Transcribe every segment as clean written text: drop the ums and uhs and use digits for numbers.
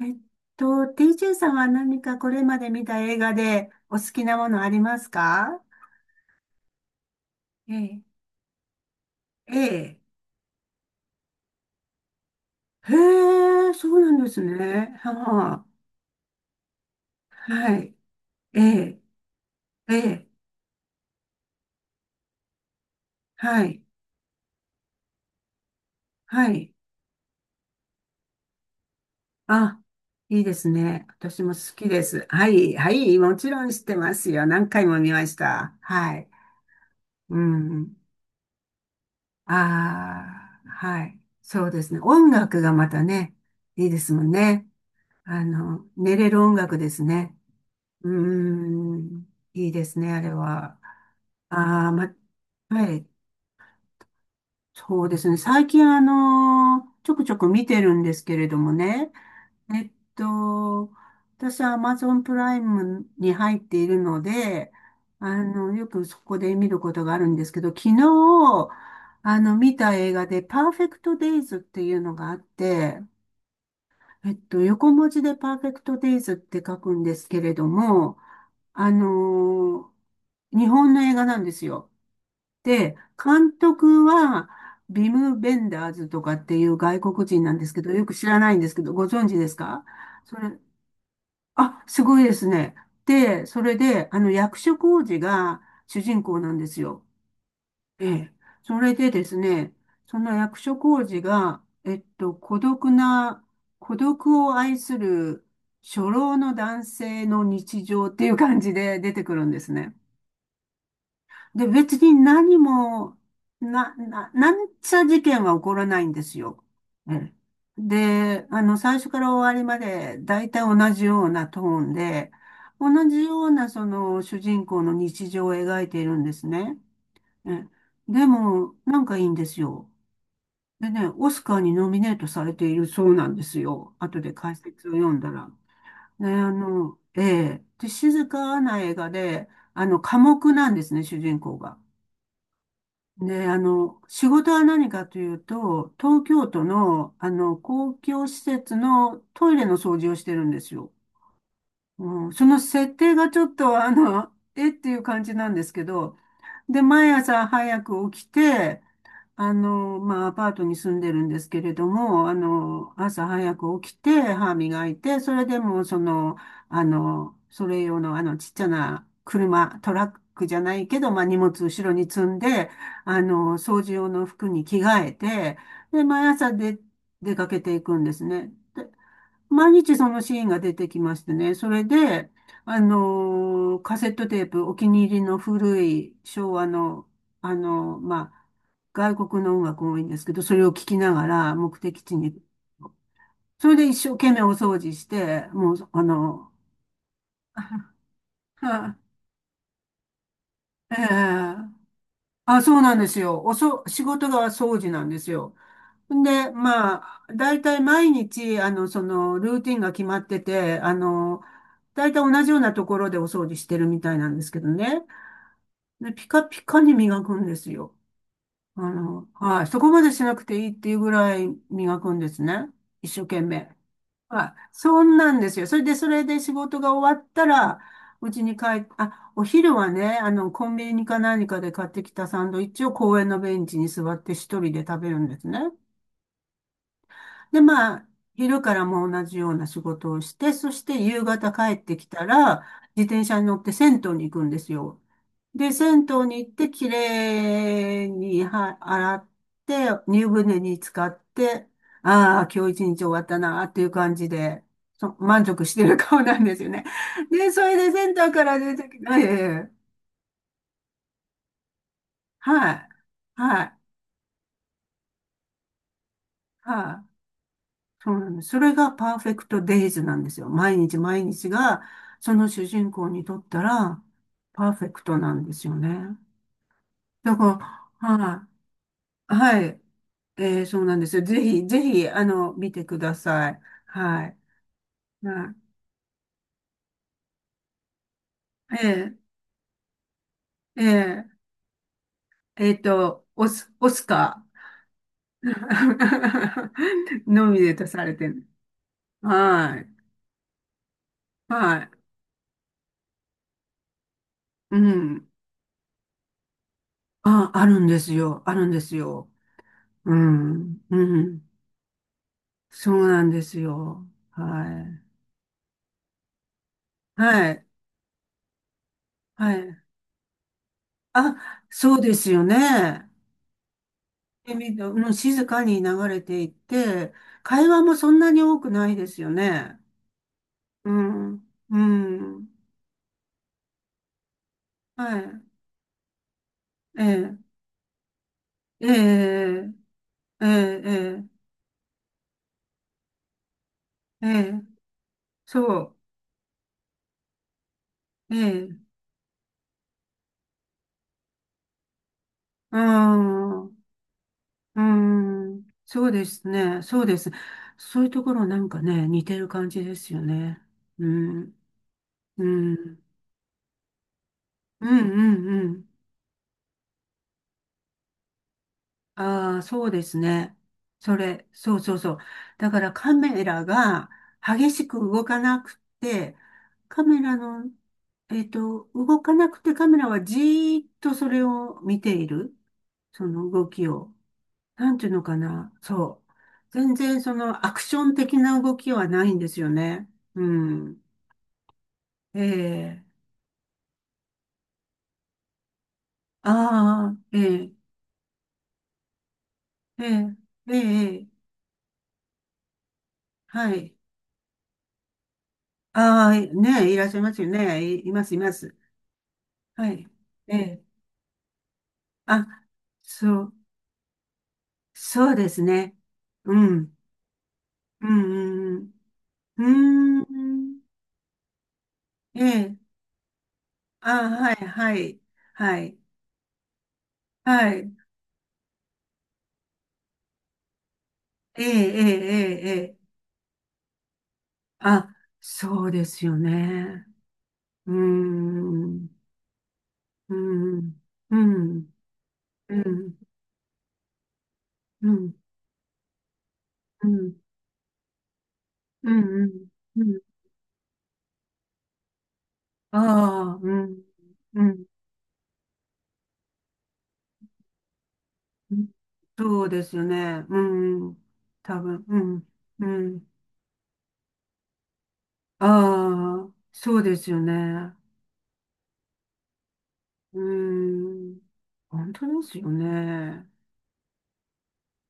えっと、TJ さんは何かこれまで見た映画でお好きなものありますか？ええ。ええ。へえ、そうなんですね。はあ、はい。ええ。ええ。はい。はい。あ、いいですね。私も好きです。はい。はい。もちろん知ってますよ。何回も見ました。はい。うん。ああ、はい。そうですね。音楽がまたね、いいですもんね。寝れる音楽ですね。うーん、いいですね、あれは。ああ、ま、はい、そうですね。最近、ちょくちょく見てるんですけれどもね。えっと、私は Amazon プライムに入っているので、よくそこで見ることがあるんですけど、昨日、見た映画で、パーフェクトデイズっていうのがあって、横文字でパーフェクトデイズって書くんですけれども、あのー日本の映画なんですよ。で、監督はビム・ベンダーズとかっていう外国人なんですけど、よく知らないんですけど、ご存知ですか？それ、あ、すごいですね。で、それで、役所広司が主人公なんですよ。ええ。それでですね、その役所広司が、孤独な、孤独を愛する初老の男性の日常っていう感じで出てくるんですね。で、別に何も、なんちゃ事件は起こらないんですよ。ええ。で、最初から終わりまで大体同じようなトーンで、同じようなその主人公の日常を描いているんですね。ね。でも、なんかいいんですよ。でね、オスカーにノミネートされているそうなんですよ。後で解説を読んだら。ね、ええ、で、静かな映画で、寡黙なんですね、主人公が。で、仕事は何かというと、東京都の、公共施設のトイレの掃除をしてるんですよ。うん、その設定がちょっと、えっていう感じなんですけど、で、毎朝早く起きて、まあ、アパートに住んでるんですけれども、朝早く起きて、歯磨いて、それでも、それ用の、ちっちゃな車、トラックじゃないけど、まあ、荷物後ろに積んで、掃除用の服に着替えて、で、毎朝で、出かけていくんですね。毎日そのシーンが出てきましてね。それで、カセットテープ、お気に入りの古い昭和の、まあ、外国の音楽多いんですけど、それを聞きながら目的地に、それで一生懸命お掃除して、もう、ええ。あ、そうなんですよ。仕事が掃除なんですよ。で、まあ、大体毎日、ルーティンが決まってて、大体同じようなところでお掃除してるみたいなんですけどね。で、ピカピカに磨くんですよ。はい。そこまでしなくていいっていうぐらい磨くんですね。一生懸命。はい。そんなんですよ。それで、仕事が終わったら、うちに帰っ、あ、お昼はね、コンビニか何かで買ってきたサンドイッチを公園のベンチに座って一人で食べるんですね。で、まあ、昼からも同じような仕事をして、そして夕方帰ってきたら、自転車に乗って銭湯に行くんですよ。で、銭湯に行って、きれいには洗って、湯船に浸かって、ああ、今日一日終わったな、っていう感じで、満足してる顔なんですよね。で、それでセンターから出てきて、ええ、はい、はい、はい。そうなんです。それがパーフェクトデイズなんですよ。毎日毎日が、その主人公にとったら、パーフェクトなんですよね。だから、はい。はい。そうなんですよ。ぜひ、ぜひ、見てください。はい。はい、ー、えオスカー ノミネートされてる。はい。はい。うん。あ、あるんですよ。あるんですよ。うん。うん。そうなんですよ。はい。はい。はい。あ、そうですよね。でみうん、静かに流れていって、会話もそんなに多くないですよね。うん。うん。はい。ええ。ええ。ええ。ええ。ええ、そう。ええ。うん。うん。そうですね。そうです。そういうところなんかね、似てる感じですよね。うん。うん。うんうんうん。ああ、そうですね。そうそうそう。だからカメラが激しく動かなくて、カメラの、動かなくてカメラはじーっとそれを見ている。その動きを。なんていうのかな。そう。全然そのアクション的な動きはないんですよね。うん。ええ。ああ、ええ、ええ、ええ、ええ。はい。ああ、ねえ、いらっしゃいますよね。いいます、います。はい。ええ。あ、そう、そうですね。うん。うん、うん、うん。うーん。ええ。あ、はい、はい。はい。はい。ええ、ええ、ええ。ええ。あ、そうですよね。うーん。うん。うん。うん。うん。うん。うん。うん。ああ、うん。うん。うん。そうですよね。うん。多分、うん。うん。ああ、そうですよね。うーん。本当ですよね。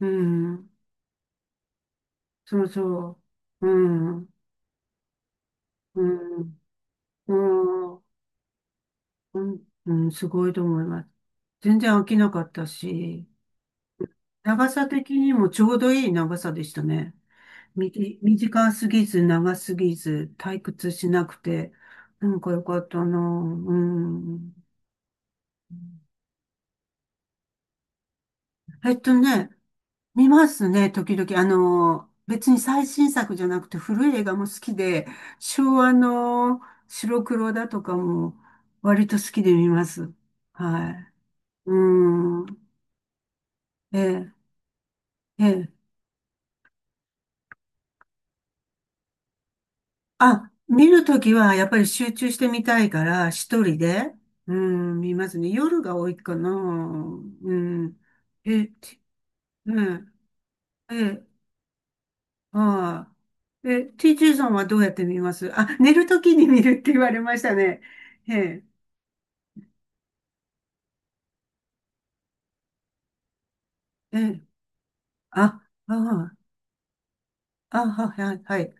うん。そうそう。うん。うん。うん。うん、うん。すごいと思います。全然飽きなかったし、長さ的にもちょうどいい長さでしたね。み、短すぎず、長すぎず、退屈しなくて、なんかよかったな。うん。えっとね、見ますね、時々。別に最新作じゃなくて古い映画も好きで、昭和の白黒だとかも割と好きで見ます。はい。うん。ええ、ええ。あ、見るときはやっぱり集中してみたいから、一人で、うん、見ますね。夜が多いかな。うん。ええ、ええ。はい。TJ さんはどうやって見ます？あ、寝るときに見るって言われましたね。ええ、ええ、あ、ああ、あ、はい、はい。はい。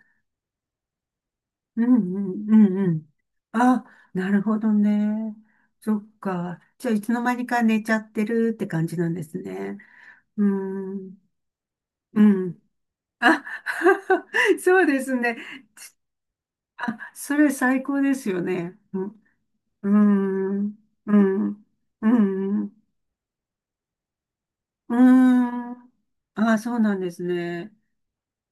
うんうん、うん、うん。あ、なるほどね。そっか。じゃあ、いつの間にか寝ちゃってるって感じなんですね。うーん、うん。あ、そうですね。あ、それ最高ですよね。うん、うーん、うん、うん。うーん。ああ、そうなんですね。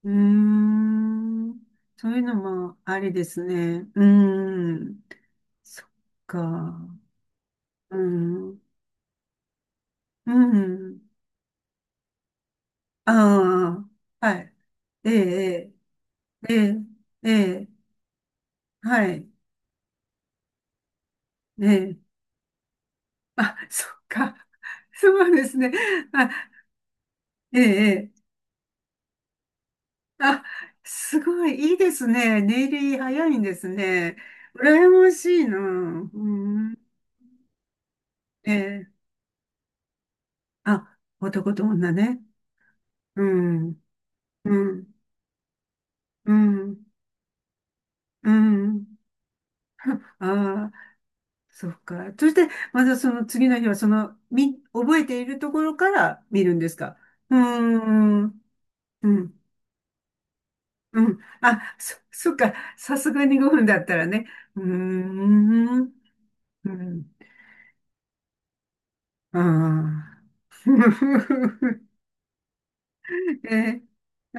うーん。そういうのもありですね。うーん。そっか。うん。うん。ああ、はい。ええ、ええ、ええ、ええ。はい。ええ。あ、そっか。そうですね。あ、ええ、ええ。あ、すごい、いいですね。ネイリ早いんですね。羨ましいな。うん。ええ。あ、男と女ね。うん、うん、うん、うん。ああ、そっか。そして、またその次の日は、覚えているところから見るんですか？うーん、うん、うん。あ、そっか。さすがに5分だったらね。うーん、うん。ああ。ええ、ね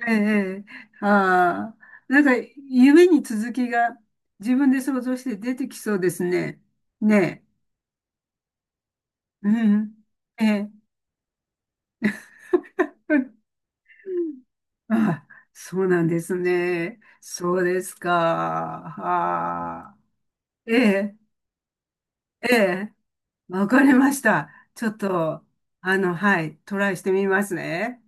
え、ねえ、ああ、なんか夢に続きが自分で想像して出てきそうですね。ねえ、うん、ええ、ああ、そうなんですね。そうですか。ああ、ええ、ええ、わかりました。ちょっと、はい、トライしてみますね。